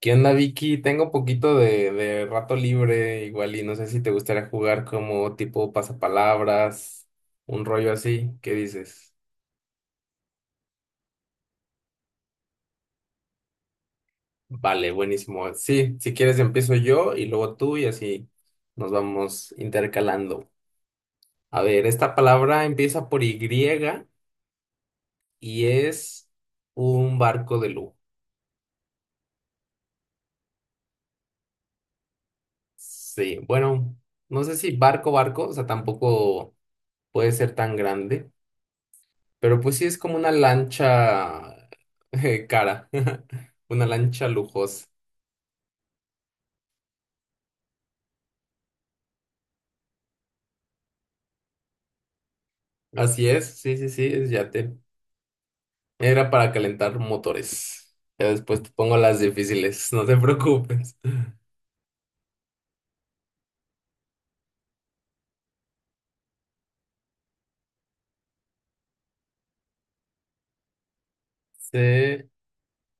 ¿Qué onda, Vicky? Tengo un poquito de rato libre, igual, y no sé si te gustaría jugar como tipo pasapalabras, un rollo así. ¿Qué dices? Vale, buenísimo. Sí, si quieres empiezo yo y luego tú y así nos vamos intercalando. A ver, esta palabra empieza por Y y es un barco de lujo. Sí, bueno, no sé si barco, barco, o sea, tampoco puede ser tan grande. Pero pues sí es como una lancha cara, una lancha lujosa. Así es, sí, sí, sí, es yate. Era para calentar motores. Ya después te pongo las difíciles, no te preocupes. Sí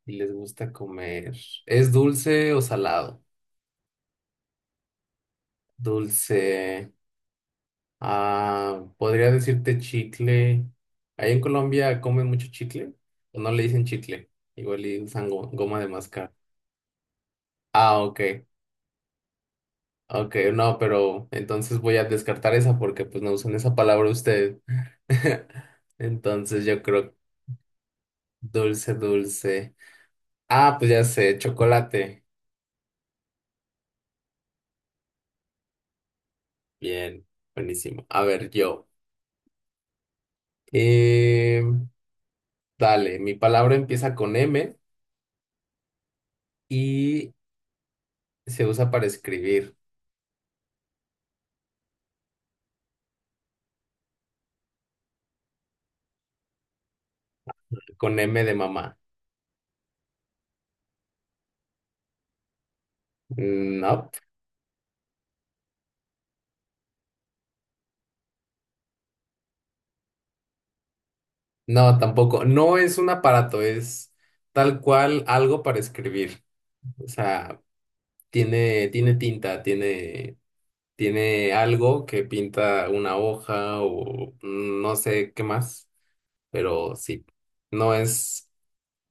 y les gusta comer. ¿Es dulce o salado? Dulce. Ah, podría decirte chicle. Ahí en Colombia comen mucho chicle, o no le dicen chicle, igual y usan goma de mascar. Ah, ok. Ok, no, pero entonces voy a descartar esa porque pues no usan esa palabra usted. Entonces yo creo dulce, dulce. Ah, pues ya sé, chocolate. Bien, buenísimo. A ver, yo. Eh, dale, mi palabra empieza con M y se usa para escribir con M de mamá. No, no, tampoco. No es un aparato, es tal cual algo para escribir. O sea, tiene tinta, tiene... Tiene algo que pinta una hoja o no sé qué más, pero sí, no es,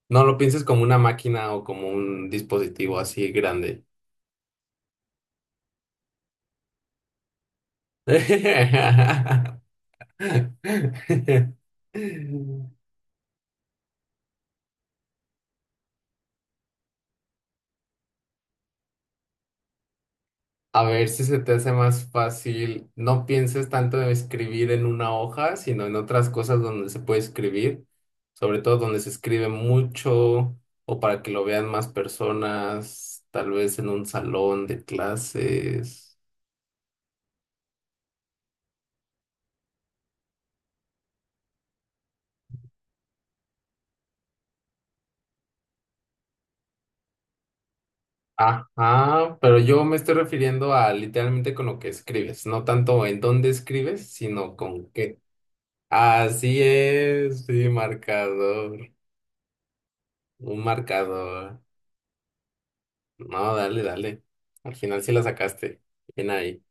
no lo pienses como una máquina o como un dispositivo así grande. A ver si se te hace más fácil, no pienses tanto en escribir en una hoja, sino en otras cosas donde se puede escribir, sobre todo donde se escribe mucho o para que lo vean más personas, tal vez en un salón de clases. Ajá, pero yo me estoy refiriendo a literalmente con lo que escribes, no tanto en dónde escribes, sino con qué. Así es, sí, marcador, un marcador. No, dale, dale. Al final sí la sacaste. Bien ahí,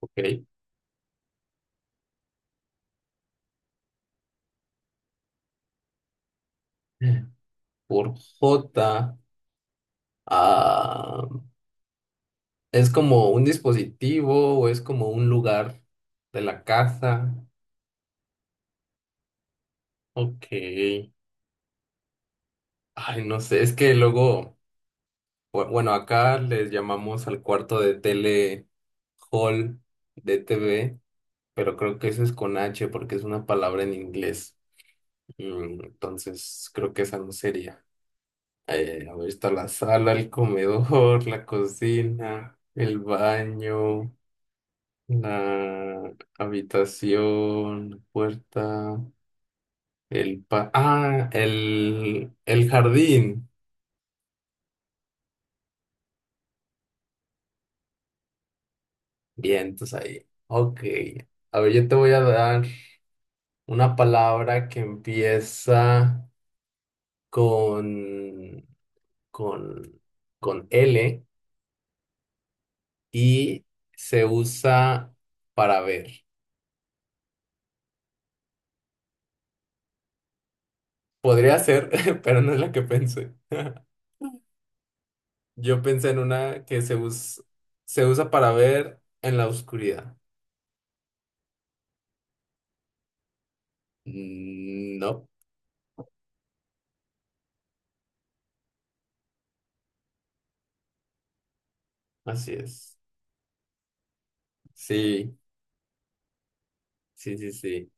ok. Por J, ah, ¿es como un dispositivo o es como un lugar de la casa? Ok. Ay, no sé, es que luego, bueno, acá les llamamos al cuarto de tele hall de T V pero creo que eso es con H porque es una palabra en inglés. Mm, entonces, creo que esa no sería. A ver, está la sala, el comedor, la cocina, el baño, la habitación, la puerta, el pa ah, el jardín. Bien, entonces ahí. Ok. A ver, yo te voy a dar una palabra que empieza con, con, con L y se usa para ver. Podría ser, pero no es la que pensé. Yo pensé en una que se usa para ver en la oscuridad. No, así es. Sí, sí, sí, sí.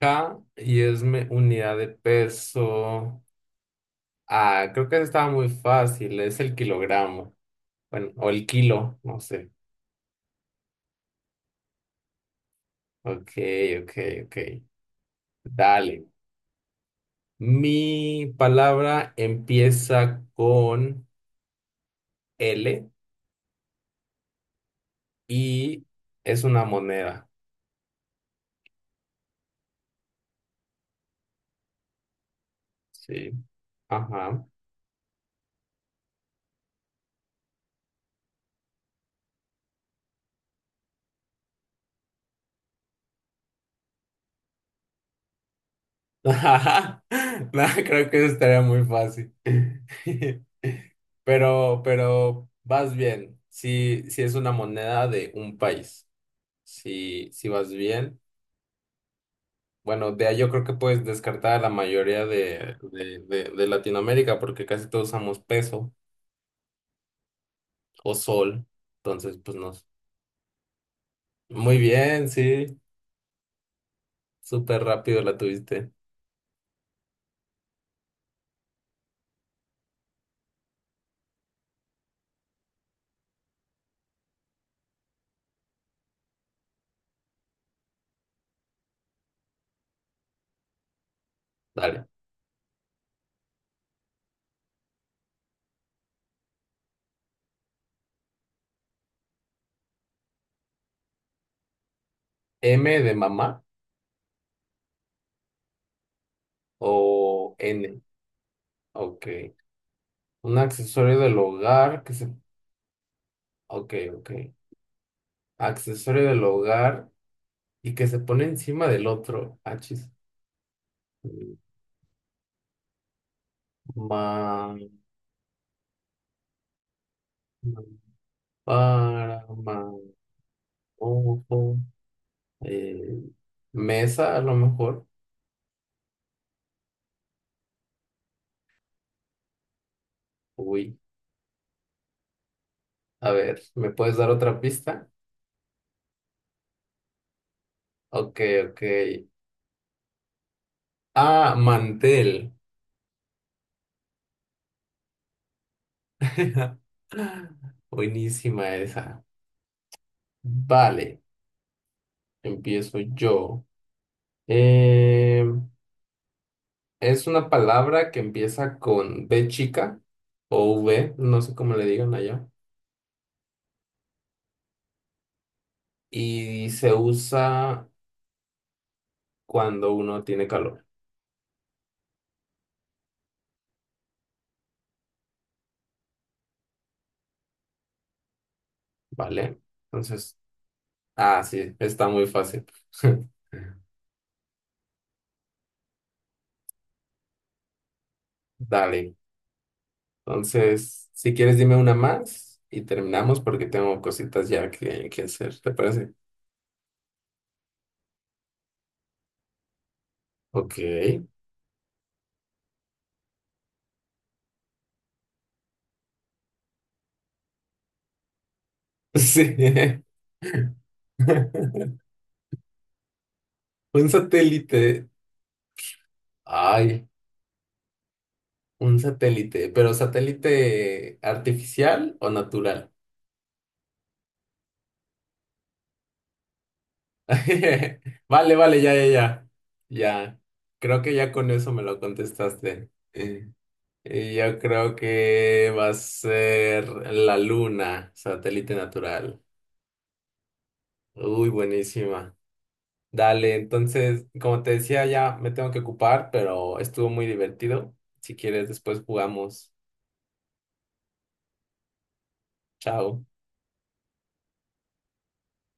K y es unidad de peso. Ah, creo que esa estaba muy fácil. Es el kilogramo. Bueno, o el kilo, no sé. Ok, ok, ok. Dale. Mi palabra empieza con L y es una moneda. Sí. Ajá. Ajá. No, creo que eso estaría muy fácil. Pero vas bien. Si, si es una moneda de un país. Si, si vas bien. Bueno, de ahí yo creo que puedes descartar a la mayoría de Latinoamérica porque casi todos usamos peso o sol. Entonces, pues no. Muy bien, sí. Súper rápido la tuviste. Dale. M de mamá o N. Ok. Un accesorio del hogar que se Ok, ok. Accesorio del hogar y que se pone encima del otro. Achis. Ma, para, ma, ojo. Eh, mesa, a lo mejor. Uy, a ver, ¿me puedes dar otra pista? Ok, ok. Ah, mantel. Buenísima esa. Vale, empiezo yo. Em, Es una palabra que empieza con B chica o V, no sé cómo le digan allá, y se usa cuando uno tiene calor, ¿vale? Entonces, ah, sí, está muy fácil. Dale. Entonces, si quieres, dime una más y terminamos porque tengo cositas ya que hacer, ¿te parece? Ok. Sí. Un satélite. Ay, un satélite, pero satélite artificial o natural. Vale, vale, ya, ya, ya. Ya. Creo que ya con eso me lo contestaste. Y yo creo que va a ser la Luna, satélite natural. Uy, buenísima. Dale, entonces, como te decía, ya me tengo que ocupar, pero estuvo muy divertido. Si quieres, después jugamos. Chao.